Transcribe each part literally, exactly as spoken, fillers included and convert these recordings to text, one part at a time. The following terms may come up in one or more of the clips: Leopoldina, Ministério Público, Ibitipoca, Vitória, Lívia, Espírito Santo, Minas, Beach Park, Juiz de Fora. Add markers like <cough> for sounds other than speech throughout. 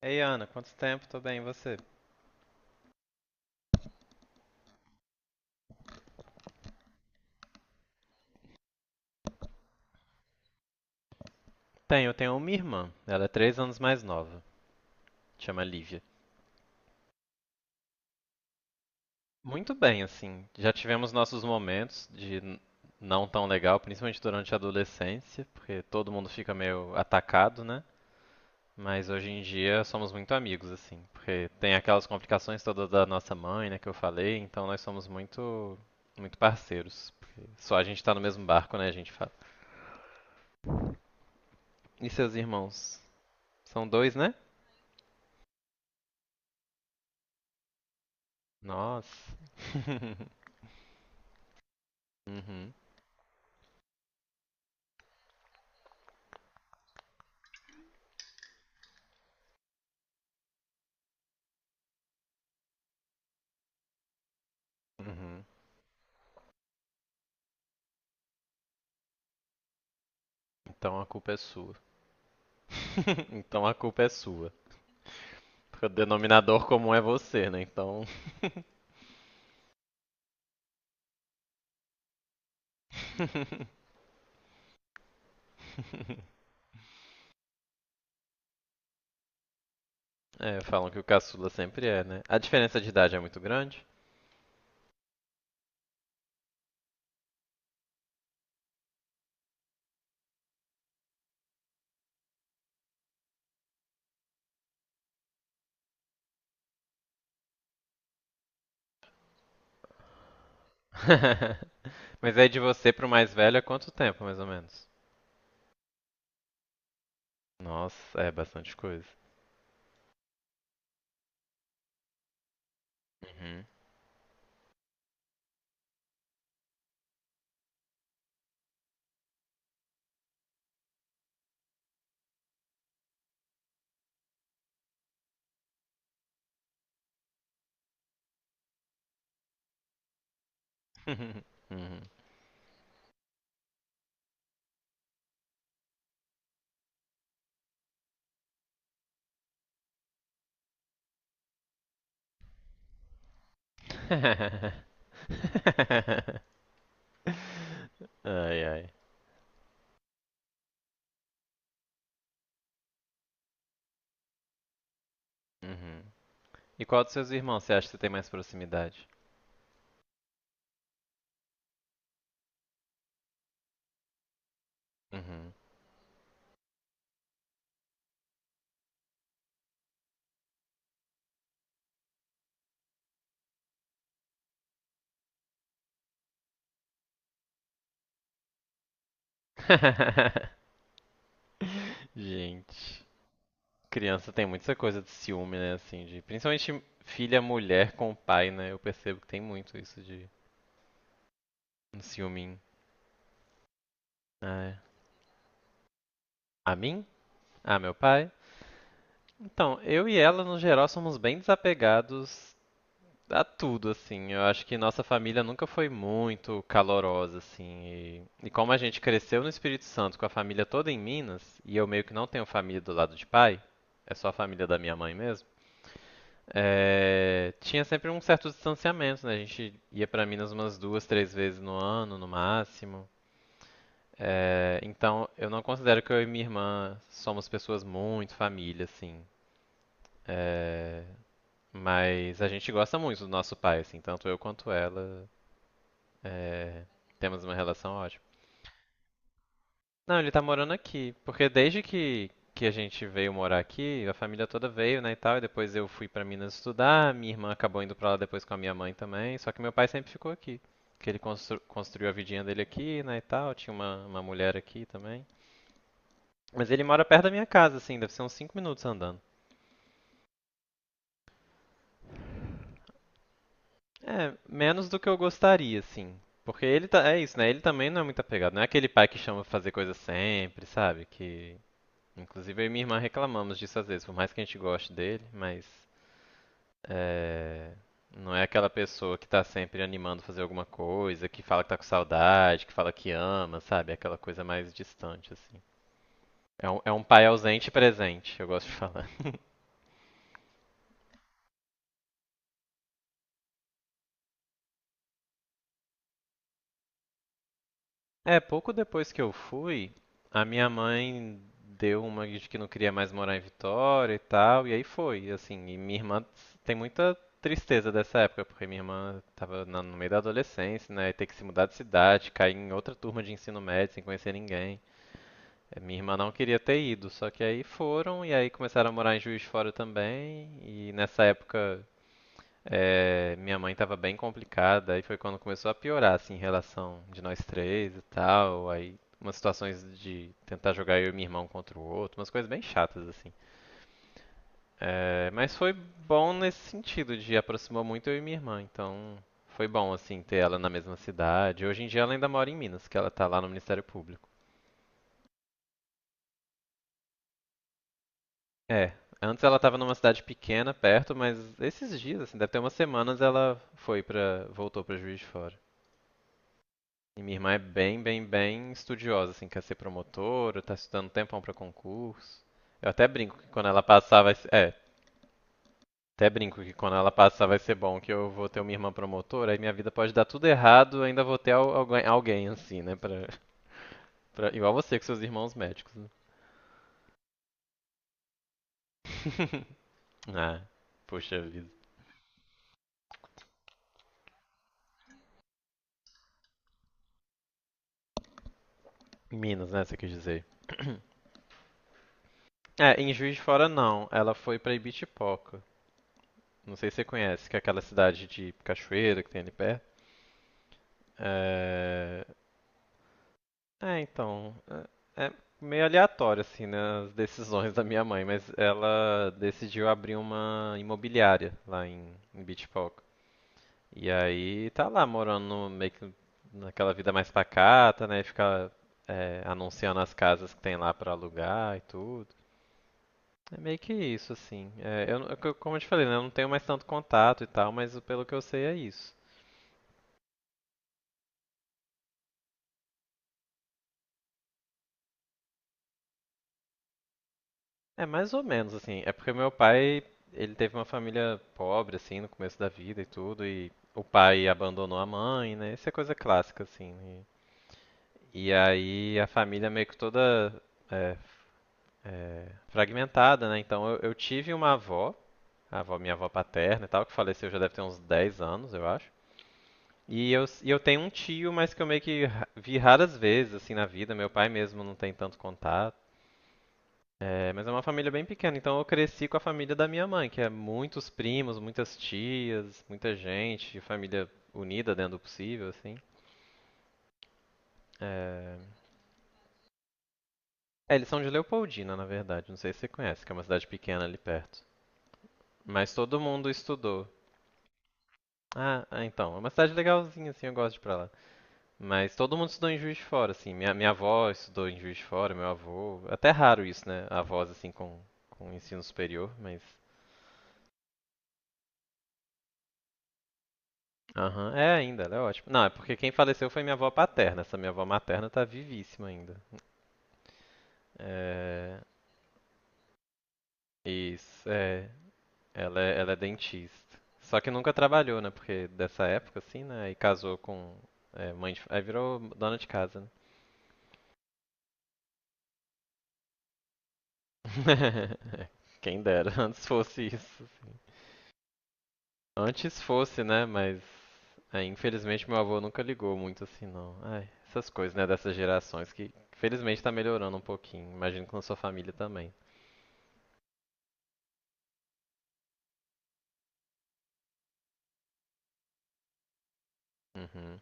Ei, Ana, quanto tempo? Tô bem, e você? Tenho, eu tenho uma irmã. Ela é três anos mais nova. Chama Lívia. Muito bem, assim. Já tivemos nossos momentos de n- não tão legal, principalmente durante a adolescência, porque todo mundo fica meio atacado, né? Mas hoje em dia somos muito amigos, assim, porque tem aquelas complicações todas da nossa mãe, né, que eu falei, então nós somos muito, muito parceiros. Porque só a gente tá no mesmo barco, né, a gente fala. E seus irmãos? São dois, né? Nossa. <laughs> Uhum, uhum. Então a culpa é sua. <laughs> Então a culpa é sua. Porque o denominador comum é você, né? Então. <laughs> É, falam que o caçula sempre é, né? A diferença de idade é muito grande. <laughs> Mas aí de você pro mais velho é quanto tempo, mais ou menos? Nossa, é bastante coisa. Uhum. <laughs> Uhum. <laughs> Ai, ai. Uhum. E qual dos seus irmãos você acha que você tem mais proximidade? Uhum. <laughs> Gente, criança tem muita coisa de ciúme, né? Assim, de principalmente filha mulher com o pai, né? Eu percebo que tem muito isso de um ciúminho. Ah, é. A mim? Ah, meu pai? Então, eu e ela, no geral, somos bem desapegados a tudo, assim. Eu acho que nossa família nunca foi muito calorosa, assim. E, e como a gente cresceu no Espírito Santo com a família toda em Minas, e eu meio que não tenho família do lado de pai, é só a família da minha mãe mesmo. É, tinha sempre um certo distanciamento, né? A gente ia pra Minas umas duas, três vezes no ano, no máximo. É, então, eu não considero que eu e minha irmã somos pessoas muito família, assim. É, mas a gente gosta muito do nosso pai, assim, tanto eu quanto ela. É, temos uma relação ótima. Não, ele tá morando aqui, porque desde que, que a gente veio morar aqui, a família toda veio, né, e tal, e depois eu fui pra Minas estudar, minha irmã acabou indo pra lá depois com a minha mãe também, só que meu pai sempre ficou aqui, que ele constru- construiu a vidinha dele aqui, né, e tal, tinha uma, uma mulher aqui também. Mas ele mora perto da minha casa, assim, deve ser uns cinco minutos andando. É, menos do que eu gostaria, assim. Porque ele tá, é isso, né? Ele também não é muito apegado. Não é aquele pai que chama pra fazer coisa sempre, sabe? Que inclusive eu e minha irmã reclamamos disso às vezes, por mais que a gente goste dele, mas é, não é aquela pessoa que tá sempre animando a fazer alguma coisa, que fala que tá com saudade, que fala que ama, sabe? É aquela coisa mais distante, assim. É um, é um pai ausente e presente, eu gosto de falar. É, pouco depois que eu fui, a minha mãe deu uma de que não queria mais morar em Vitória e tal, e aí foi, assim, e minha irmã tem muita tristeza dessa época, porque minha irmã tava na- no meio da adolescência, né, e ter que se mudar de cidade, cair em outra turma de ensino médio sem conhecer ninguém. Eh, Minha irmã não queria ter ido, só que aí foram, e aí começaram a morar em Juiz de Fora também, e nessa época é, minha mãe tava bem complicada, aí foi quando começou a piorar, assim, em relação de nós três e tal. Aí umas situações de tentar jogar eu e meu irmão contra o outro, umas coisas bem chatas, assim. É, mas foi bom nesse sentido, de aproximou muito eu e minha irmã, então foi bom, assim, ter ela na mesma cidade. Hoje em dia ela ainda mora em Minas, que ela tá lá no Ministério Público. É, antes ela tava numa cidade pequena, perto, mas esses dias, assim, deve ter umas semanas, ela foi pra, voltou pra Juiz de Fora. E minha irmã é bem, bem, bem estudiosa, assim, quer ser promotora, tá estudando um tempão pra concurso. Eu até brinco que quando ela passar vai ser, é, até brinco que quando ela passar vai ser bom que eu vou ter uma irmã promotora, aí minha vida pode dar tudo errado, ainda vou ter al- alguém, alguém assim, né, pra, pra- igual você com seus irmãos médicos. Né? <laughs> Ah, puxa vida. Em Minas, né, você quis dizer. É, em Juiz de Fora não, ela foi pra Ibitipoca. Não sei se você conhece, que é aquela cidade de cachoeira que tem ali perto. É, É, então, é, é meio aleatório assim, né, as decisões da minha mãe, mas ela decidiu abrir uma imobiliária lá em, em Beach Park. E aí tá lá morando no- meio que naquela vida mais pacata, né, fica é, anunciando as casas que tem lá pra alugar e tudo. É meio que isso assim. É, eu, não- eu- como eu te falei, né, eu não tenho mais tanto contato e tal, mas pelo que eu sei é isso. É mais ou menos assim. É porque meu pai, ele teve uma família pobre assim no começo da vida e tudo e o pai abandonou a mãe, né? Isso é coisa clássica assim. E, e aí a família meio que toda é, é, fragmentada, né? Então eu, eu tive uma avó, a avó, minha avó paterna e tal, que faleceu já deve ter uns dez anos, eu acho. E eu, e eu tenho um tio, mas que eu meio que ra- vi raras vezes assim na vida. Meu pai mesmo não tem tanto contato. É, mas é uma família bem pequena, então eu cresci com a família da minha mãe, que é muitos primos, muitas tias, muita gente, família unida dentro do possível, assim. É... é, eles são de Leopoldina, na verdade, não sei se você conhece, que é uma cidade pequena ali perto. Mas todo mundo estudou. Ah, ah, então, é uma cidade legalzinha, assim, eu gosto de ir pra lá. Mas todo mundo estudou em Juiz de Fora, assim, minha, minha avó estudou em Juiz de Fora, meu avô, até é raro isso, né, avós, assim, com, com ensino superior, mas... Aham, é ainda, ela é ótima. Não, é porque quem faleceu foi minha avó paterna. Essa minha avó materna tá vivíssima ainda. É... Isso, é. Ela é, ela é dentista. Só que nunca trabalhou, né? Porque dessa época, assim, né? E casou com. É, mãe de... Aí virou dona de casa, né? <laughs> Quem dera, <laughs> antes fosse isso. Antes fosse, né? Mas é, infelizmente meu avô nunca ligou muito assim, não. Ai, essas coisas, né? Dessas gerações que felizmente tá melhorando um pouquinho. Imagino que na sua família também. Uhum,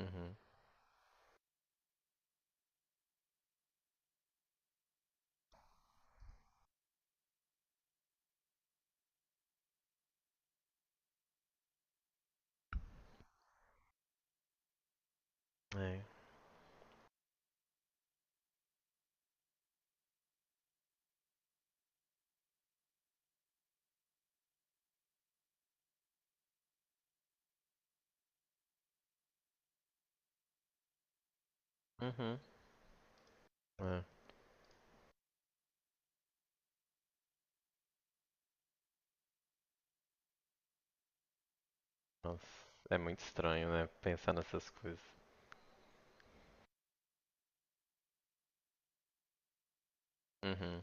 uhum. É. Uhum. É. Nossa, é muito estranho, né? Pensar nessas coisas. Uhum.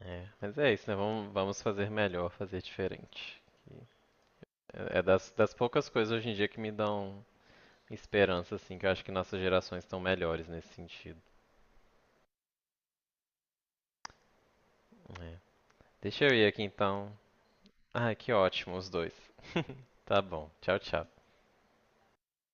É. Mas é isso, né? Vamos, vamos fazer melhor, fazer diferente. E é é das, das poucas coisas hoje em dia que me dão esperança, assim, que eu acho que nossas gerações estão melhores nesse sentido. É. Deixa eu ir aqui então. Ah, que ótimo, os dois. <laughs> Tá bom. Tchau, tchau.